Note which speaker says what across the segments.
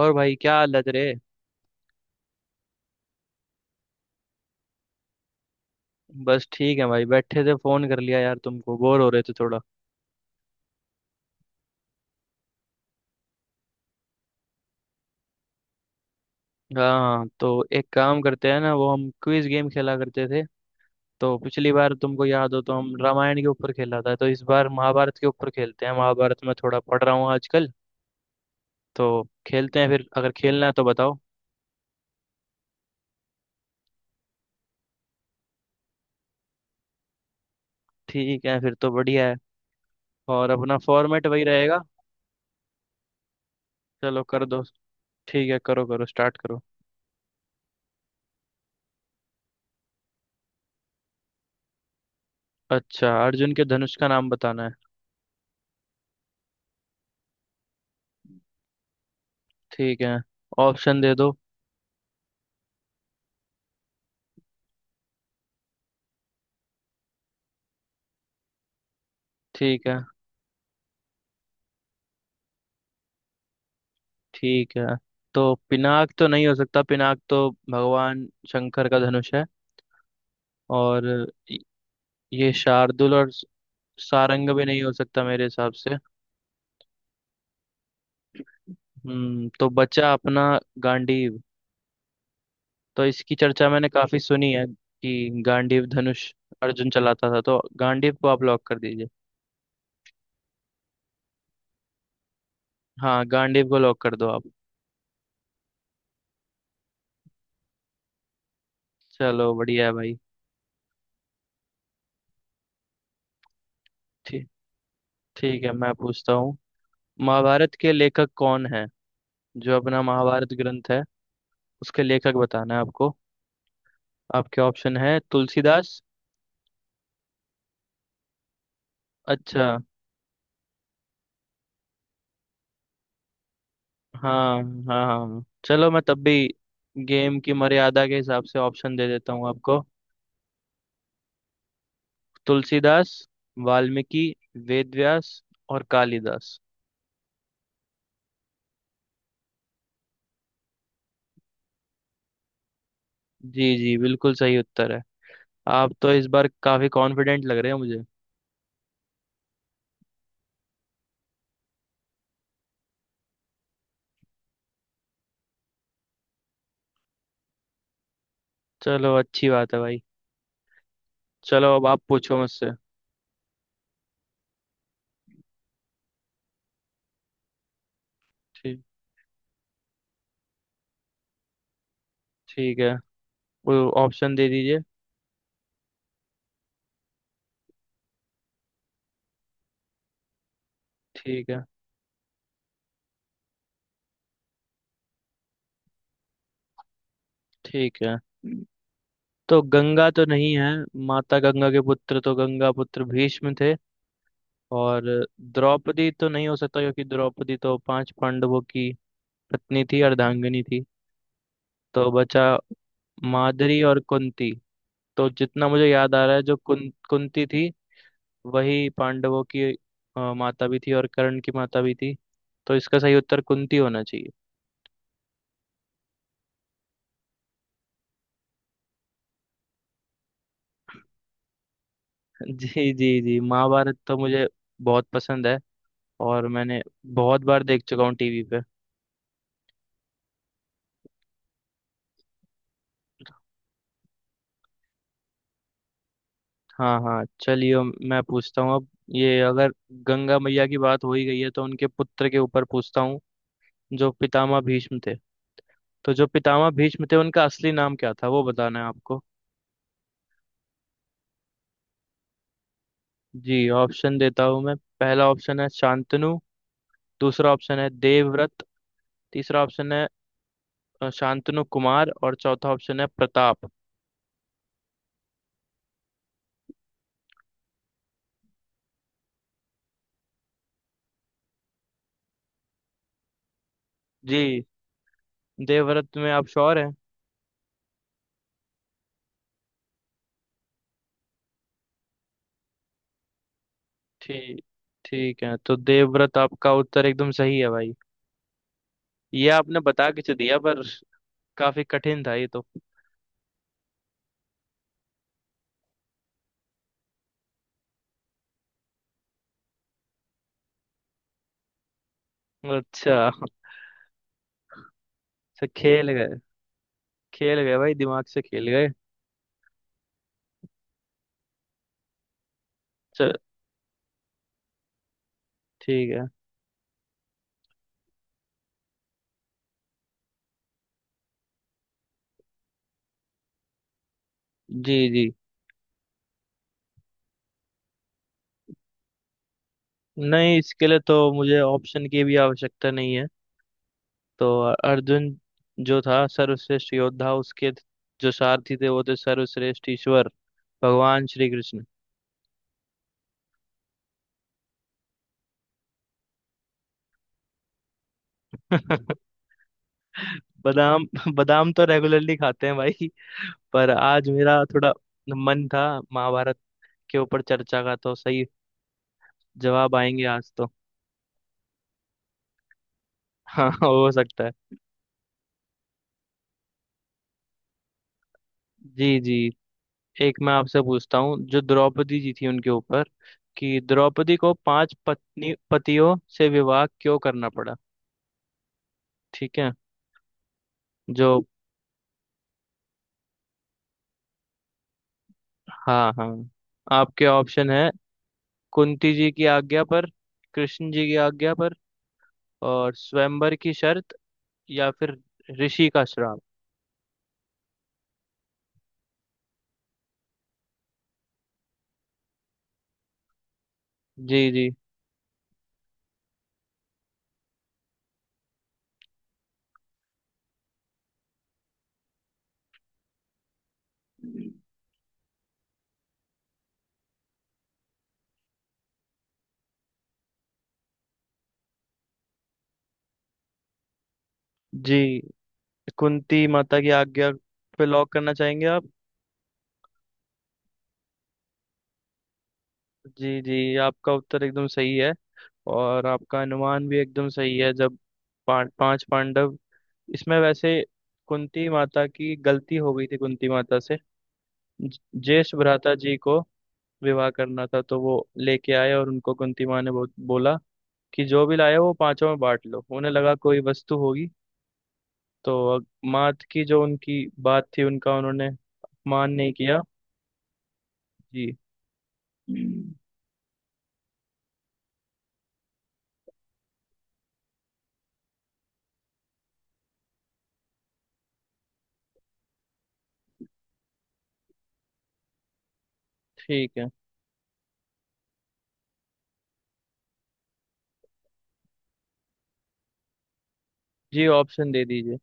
Speaker 1: और भाई क्या हालत रे। बस ठीक है भाई, बैठे थे फोन कर लिया यार तुमको, बोर हो रहे थे थोड़ा। हाँ तो एक काम करते हैं ना, वो हम क्विज गेम खेला करते थे। तो पिछली बार तुमको याद हो तो, हम रामायण के ऊपर खेला था, तो इस बार महाभारत के ऊपर खेलते हैं। महाभारत में थोड़ा पढ़ रहा हूँ आजकल। तो खेलते हैं फिर, अगर खेलना है तो बताओ। ठीक है फिर तो बढ़िया है। और अपना फॉर्मेट वही रहेगा। चलो कर दो। ठीक है, करो करो, स्टार्ट करो। अच्छा, अर्जुन के धनुष का नाम बताना है। ठीक है, ऑप्शन दे दो। ठीक है। ठीक है। तो पिनाक तो नहीं हो सकता, पिनाक तो भगवान शंकर का धनुष है। और ये शार्दुल और सारंग भी नहीं हो सकता मेरे हिसाब से। हम्म, तो बचा अपना गांडीव। तो इसकी चर्चा मैंने काफी सुनी है कि गांडीव धनुष अर्जुन चलाता था, तो गांडीव को आप लॉक कर दीजिए। हाँ, गांडीव को लॉक कर दो आप। चलो बढ़िया है भाई। ठीक। ठीक है, मैं पूछता हूँ। महाभारत के लेखक कौन है। जो अपना महाभारत ग्रंथ है उसके लेखक बताना है आपको। आपके ऑप्शन है तुलसीदास। अच्छा। हाँ, हाँ हाँ चलो, मैं तब भी गेम की मर्यादा के हिसाब से ऑप्शन दे देता हूँ आपको। तुलसीदास, वाल्मीकि, वेद व्यास और कालिदास। जी जी, बिल्कुल सही उत्तर है। आप तो इस बार काफी कॉन्फिडेंट लग रहे हो मुझे। चलो अच्छी बात है भाई। चलो अब आप पूछो मुझसे। ठीक। ठीक है। वो, ऑप्शन दे दीजिए। ठीक है। ठीक है। तो गंगा तो नहीं है, माता गंगा के पुत्र तो गंगा पुत्र भीष्म थे। और द्रौपदी तो नहीं हो सकता क्योंकि द्रौपदी तो पांच पांडवों की पत्नी थी, अर्धांगिनी थी। तो बचा मादरी और कुंती। तो जितना मुझे याद आ रहा है, जो कुंती थी वही पांडवों की माता भी थी और कर्ण की माता भी थी। तो इसका सही उत्तर कुंती होना चाहिए। जी जी जी, महाभारत तो मुझे बहुत पसंद है। और मैंने बहुत बार देख चुका हूँ टीवी पे। हाँ हाँ, चलिए मैं पूछता हूँ अब। ये अगर गंगा मैया की बात हो ही गई है तो उनके पुत्र के ऊपर पूछता हूँ, जो पितामह भीष्म थे। तो जो पितामह भीष्म थे उनका असली नाम क्या था वो बताना है आपको। जी, ऑप्शन देता हूँ मैं। पहला ऑप्शन है शांतनु। दूसरा ऑप्शन है देवव्रत। तीसरा ऑप्शन है शांतनु कुमार। और चौथा ऑप्शन है प्रताप। जी, देवव्रत में आप श्योर हैं? ठीक। ठीक है, तो देवव्रत आपका उत्तर एकदम सही है भाई। ये आपने बता किसे दिया पर। काफी कठिन था ये तो। अच्छा अच्छा। खेल गए, खेल गए भाई, दिमाग से खेल गए। चल। ठीक है। जी जी, नहीं इसके लिए तो मुझे ऑप्शन की भी आवश्यकता नहीं है। तो अर्जुन जो था सर्वश्रेष्ठ योद्धा, उसके जो सारथी थे वो थे सर्वश्रेष्ठ ईश्वर, भगवान श्री कृष्ण। बादाम, बादाम तो रेगुलरली खाते हैं भाई। पर आज मेरा थोड़ा मन था महाभारत के ऊपर चर्चा का, तो सही जवाब आएंगे आज तो। हाँ हो सकता है। जी जी, एक मैं आपसे पूछता हूँ, जो द्रौपदी जी थी उनके ऊपर, कि द्रौपदी को पांच पत्नी पतियों से विवाह क्यों करना पड़ा। ठीक है। जो, हाँ हाँ, आपके ऑप्शन है कुंती जी की आज्ञा पर, कृष्ण जी की आज्ञा पर, और स्वयंवर की शर्त, या फिर ऋषि का श्राप। जी जी जी, कुंती माता की आज्ञा पे लॉक करना चाहेंगे आप? जी जी, आपका उत्तर एकदम सही है। और आपका अनुमान भी एकदम सही है। जब पांच पांडव इसमें वैसे, कुंती माता की गलती हो गई थी, कुंती माता से ज- ज्येष्ठ भ्राता जी को विवाह करना था, तो वो लेके आए और उनको कुंती माँ ने बोला कि जो भी लाए वो पांचों में बांट लो, उन्हें लगा कोई वस्तु होगी। तो मात की जो उनकी बात थी, उनका उन्होंने अपमान नहीं किया। जी। ठीक है। जी, ऑप्शन दे दीजिए।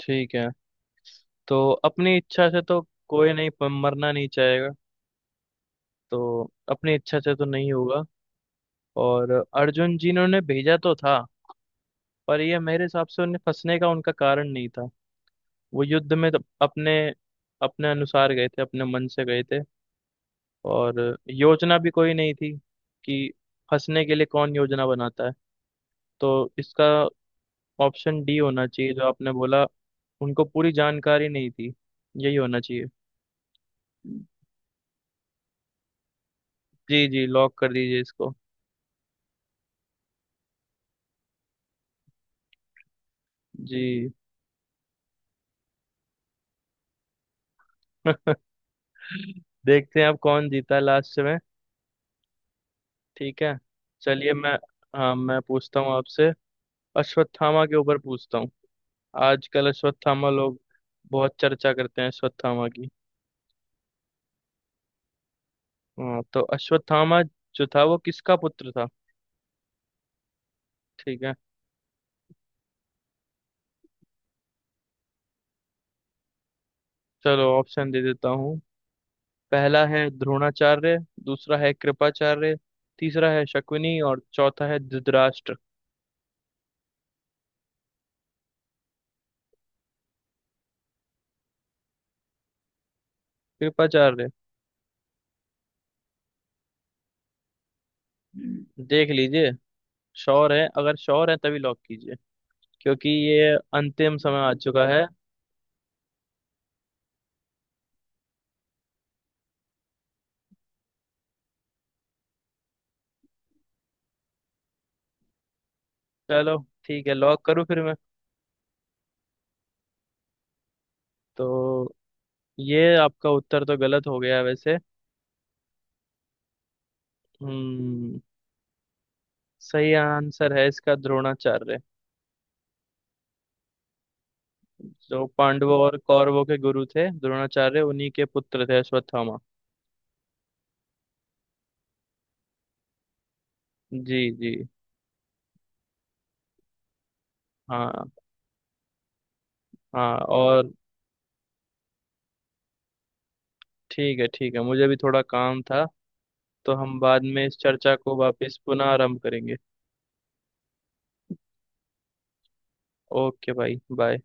Speaker 1: ठीक है। तो अपनी इच्छा से तो, कोई नहीं मरना नहीं चाहेगा, तो अपनी इच्छा से तो नहीं होगा। और अर्जुन जी ने उन्हें भेजा तो था, पर यह मेरे हिसाब से उन्हें फंसने का उनका कारण नहीं था। वो युद्ध में तो अपने अपने अनुसार गए थे, अपने मन से गए थे। और योजना भी कोई नहीं थी, कि फंसने के लिए कौन योजना बनाता है। तो इसका ऑप्शन डी होना चाहिए, जो आपने बोला, उनको पूरी जानकारी नहीं थी, यही होना चाहिए। जी जी, लॉक कर दीजिए इसको। जी। देखते हैं अब कौन जीता है लास्ट में। ठीक है। चलिए मैं, हाँ मैं पूछता हूँ आपसे, अश्वत्थामा के ऊपर पूछता हूँ। आजकल अश्वत्थामा लोग बहुत चर्चा करते हैं अश्वत्थामा की। हाँ, तो अश्वत्थामा जो था वो किसका पुत्र था। ठीक है, चलो ऑप्शन दे देता हूँ। पहला है द्रोणाचार्य, दूसरा है कृपाचार्य, तीसरा है शकुनी और चौथा है धृतराष्ट्र। कृपाचार्य? देख लीजिए, श्योर है, अगर श्योर है तभी लॉक कीजिए, क्योंकि ये अंतिम समय आ चुका है। चलो ठीक है, लॉक करूँ फिर मैं। तो ये आपका उत्तर तो गलत हो गया वैसे। हम्म। सही आंसर है इसका द्रोणाचार्य। जो पांडवों और कौरवों के गुरु थे द्रोणाचार्य, उन्हीं के पुत्र थे अश्वत्थामा। जी जी। हाँ हाँ। और ठीक है, ठीक है, मुझे भी थोड़ा काम था। तो हम बाद में इस चर्चा को वापस पुनः आरंभ करेंगे। ओके भाई, बाय।